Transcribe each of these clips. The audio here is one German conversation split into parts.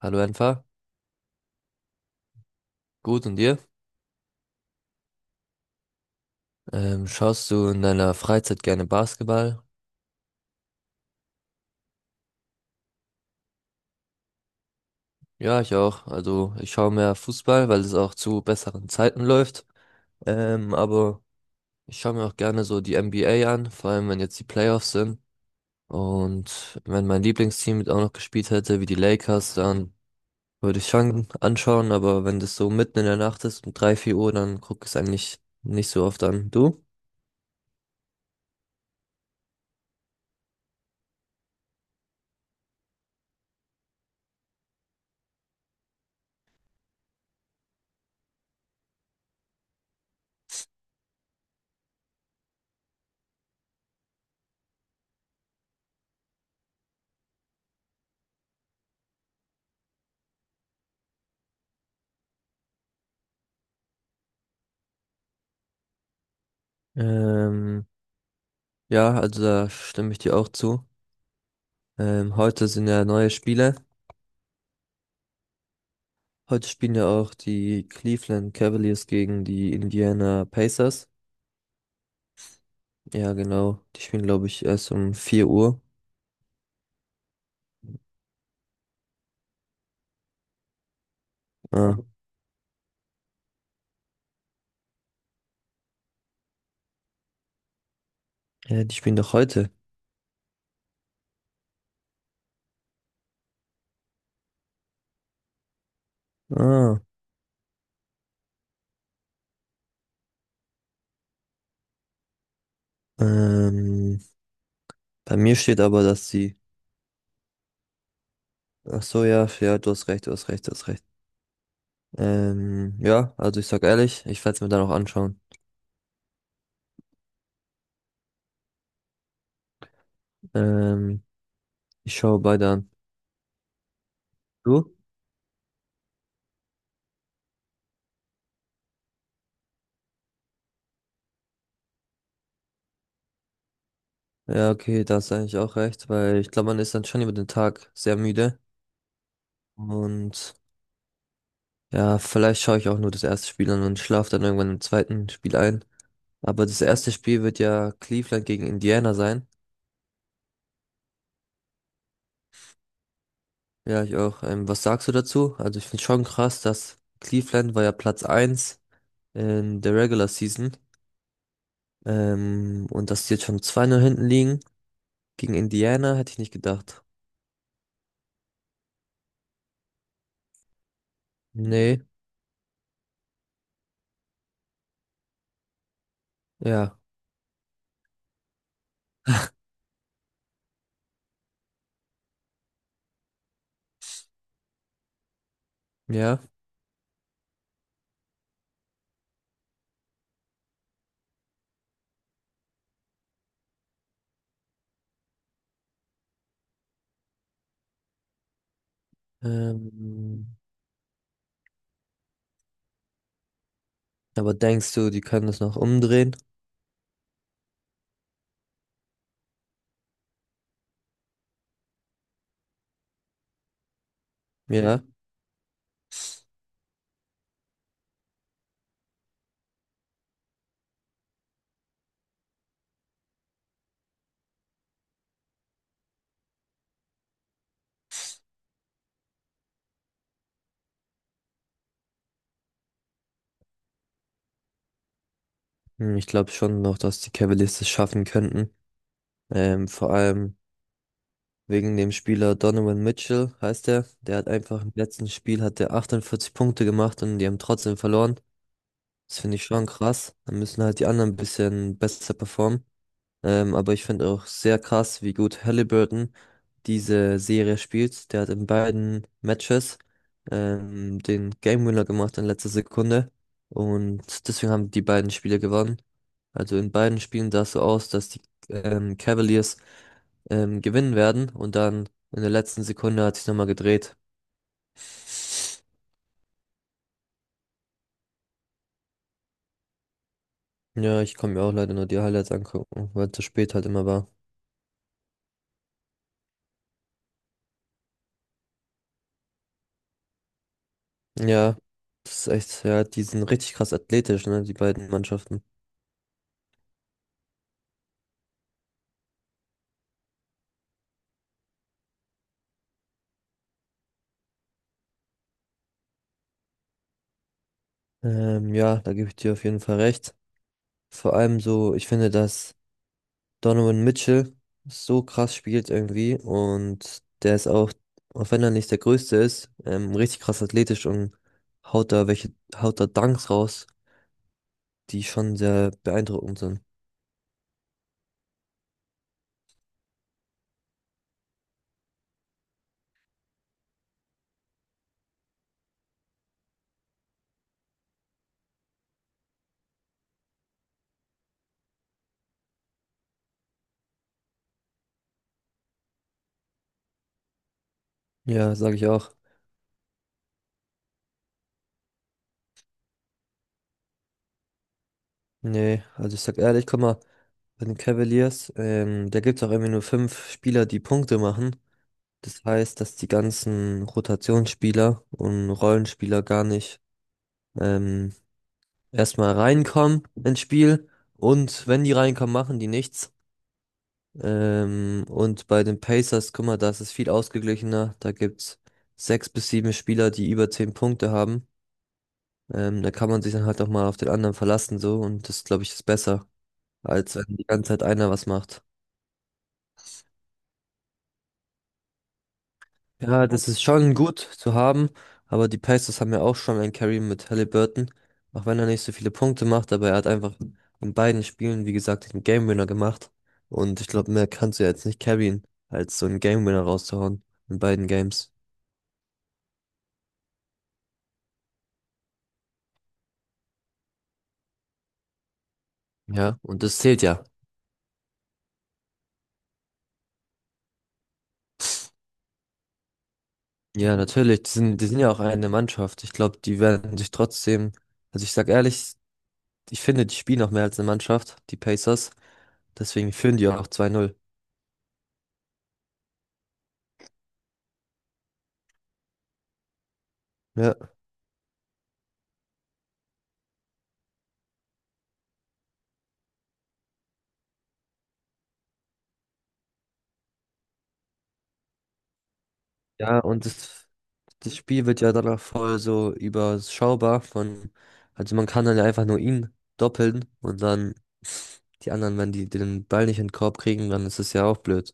Hallo Enfer, gut und dir? Schaust du in deiner Freizeit gerne Basketball? Ja, ich auch. Also ich schaue mehr Fußball, weil es auch zu besseren Zeiten läuft. Aber ich schaue mir auch gerne so die NBA an, vor allem wenn jetzt die Playoffs sind. Und wenn mein Lieblingsteam mit auch noch gespielt hätte, wie die Lakers, dann würde ich schon anschauen. Aber wenn das so mitten in der Nacht ist, um 3 4 Uhr, dann gucke ich es eigentlich nicht so oft an. Du? Ähm, ja, also da stimme ich dir auch zu. Heute sind ja neue Spiele. Heute spielen ja auch die Cleveland Cavaliers gegen die Indiana Pacers. Ja, genau. Die spielen, glaube ich, erst um 4 Uhr. Ah, ja, die spielen doch heute. Ah, ähm, bei mir steht aber, dass sie. Ach so, ja, ja, du hast recht, du hast recht, du hast recht. Ja, also ich sag ehrlich, ich werde es mir dann auch anschauen. Ähm, Ich schaue beide an. Du? Ja, okay, da hast du eigentlich auch recht, weil ich glaube, man ist dann schon über den Tag sehr müde und ja, vielleicht schaue ich auch nur das erste Spiel an und schlafe dann irgendwann im zweiten Spiel ein. Aber das erste Spiel wird ja Cleveland gegen Indiana sein. Ja, ich auch. Was sagst du dazu? Also ich finde schon krass, dass Cleveland war ja Platz eins in der Regular Season. Und dass die jetzt schon zwei Null hinten liegen. Gegen Indiana hätte ich nicht gedacht. Nee, ja, ja. Ähm, aber denkst du, die können das noch umdrehen? Ja. Hm, ich glaube schon noch, dass die Cavaliers das schaffen könnten. Vor allem. Wegen dem Spieler Donovan Mitchell heißt er. Der hat einfach im letzten Spiel hat der 48 Punkte gemacht und die haben trotzdem verloren. Das finde ich schon krass. Dann müssen halt die anderen ein bisschen besser performen. Aber ich finde auch sehr krass, wie gut Halliburton diese Serie spielt. Der hat in beiden Matches den Game Winner gemacht in letzter Sekunde. Und deswegen haben die beiden Spiele gewonnen. Also in beiden Spielen sah es so aus, dass die Cavaliers gewinnen werden. Und dann in der letzten Sekunde hat sich nochmal gedreht. Ja, ich konnte mir auch leider nur die Highlights angucken, weil es zu spät halt immer war. Ja, das ist echt, ja, die sind richtig krass athletisch, ne, die beiden Mannschaften. Ja, da gebe ich dir auf jeden Fall recht. Vor allem so, ich finde, dass Donovan Mitchell so krass spielt irgendwie und der ist auch, auch wenn er nicht der Größte ist, richtig krass athletisch und haut da welche, haut da Dunks raus, die schon sehr beeindruckend sind. Ja, sage ich auch. Nee, also ich sag ehrlich, guck mal, bei den Cavaliers, da gibt's auch irgendwie nur fünf Spieler, die Punkte machen. Das heißt, dass die ganzen Rotationsspieler und Rollenspieler gar nicht ähm, erstmal reinkommen ins Spiel. Und wenn die reinkommen, machen die nichts. Und bei den Pacers, guck mal, da ist es viel ausgeglichener. Da gibt's sechs bis sieben Spieler, die über zehn Punkte haben. Da kann man sich dann halt auch mal auf den anderen verlassen so. Und das, glaube ich, ist besser, als wenn die ganze Zeit einer was macht. Ja, das ist schon gut zu haben, aber die Pacers haben ja auch schon einen Carry mit Halliburton, auch wenn er nicht so viele Punkte macht, aber er hat einfach in beiden Spielen, wie gesagt, den Game Winner gemacht und ich glaube, mehr kannst du ja jetzt nicht carryen, als so einen Game Winner rauszuhauen in beiden Games. Ja, und das zählt ja. Ja, natürlich, die sind ja auch eine Mannschaft. Ich glaube, die werden sich trotzdem, also ich sag ehrlich, ich finde, die spielen auch mehr als eine Mannschaft, die Pacers, deswegen führen die auch 2-0. Ja. Ja, und das, das Spiel wird ja danach voll so überschaubar von, also man kann dann ja einfach nur ihn doppeln und dann die anderen, wenn die den Ball nicht in den Korb kriegen, dann ist es ja auch blöd.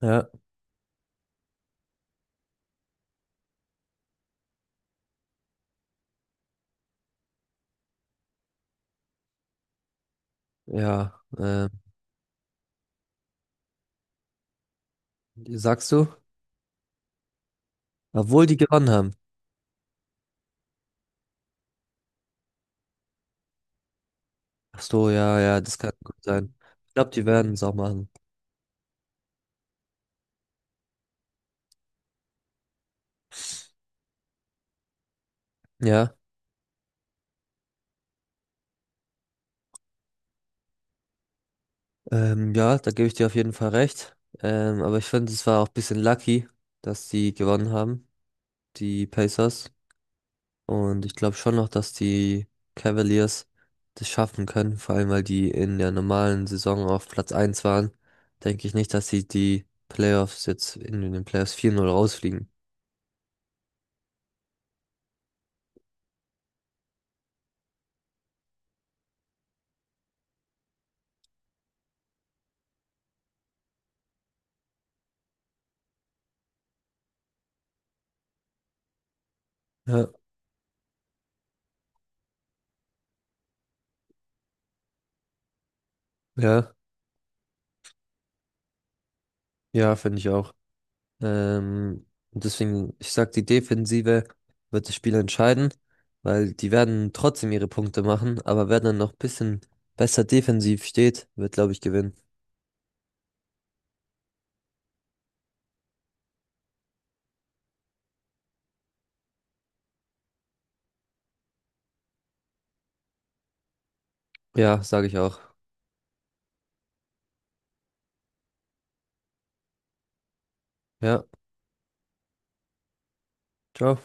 Ja, ja, sagst du? Obwohl die gewonnen haben. Ach so, ja, ja, das kann gut sein. Ich glaube, die werden es auch machen. Ja, ja, da gebe ich dir auf jeden Fall recht. Aber ich finde, es war auch ein bisschen lucky, dass die gewonnen haben, die Pacers. Und ich glaube schon noch, dass die Cavaliers das schaffen können, vor allem weil die in der normalen Saison auf Platz eins waren, denke ich nicht, dass sie die Playoffs jetzt in den Playoffs 4-0 rausfliegen. Ja, ja, ja, finde ich auch. Und deswegen, ich sag, die Defensive wird das Spiel entscheiden, weil die werden trotzdem ihre Punkte machen, aber wer dann noch ein bisschen besser defensiv steht, wird, glaube ich, gewinnen. Ja, sage ich auch. Ja, ciao.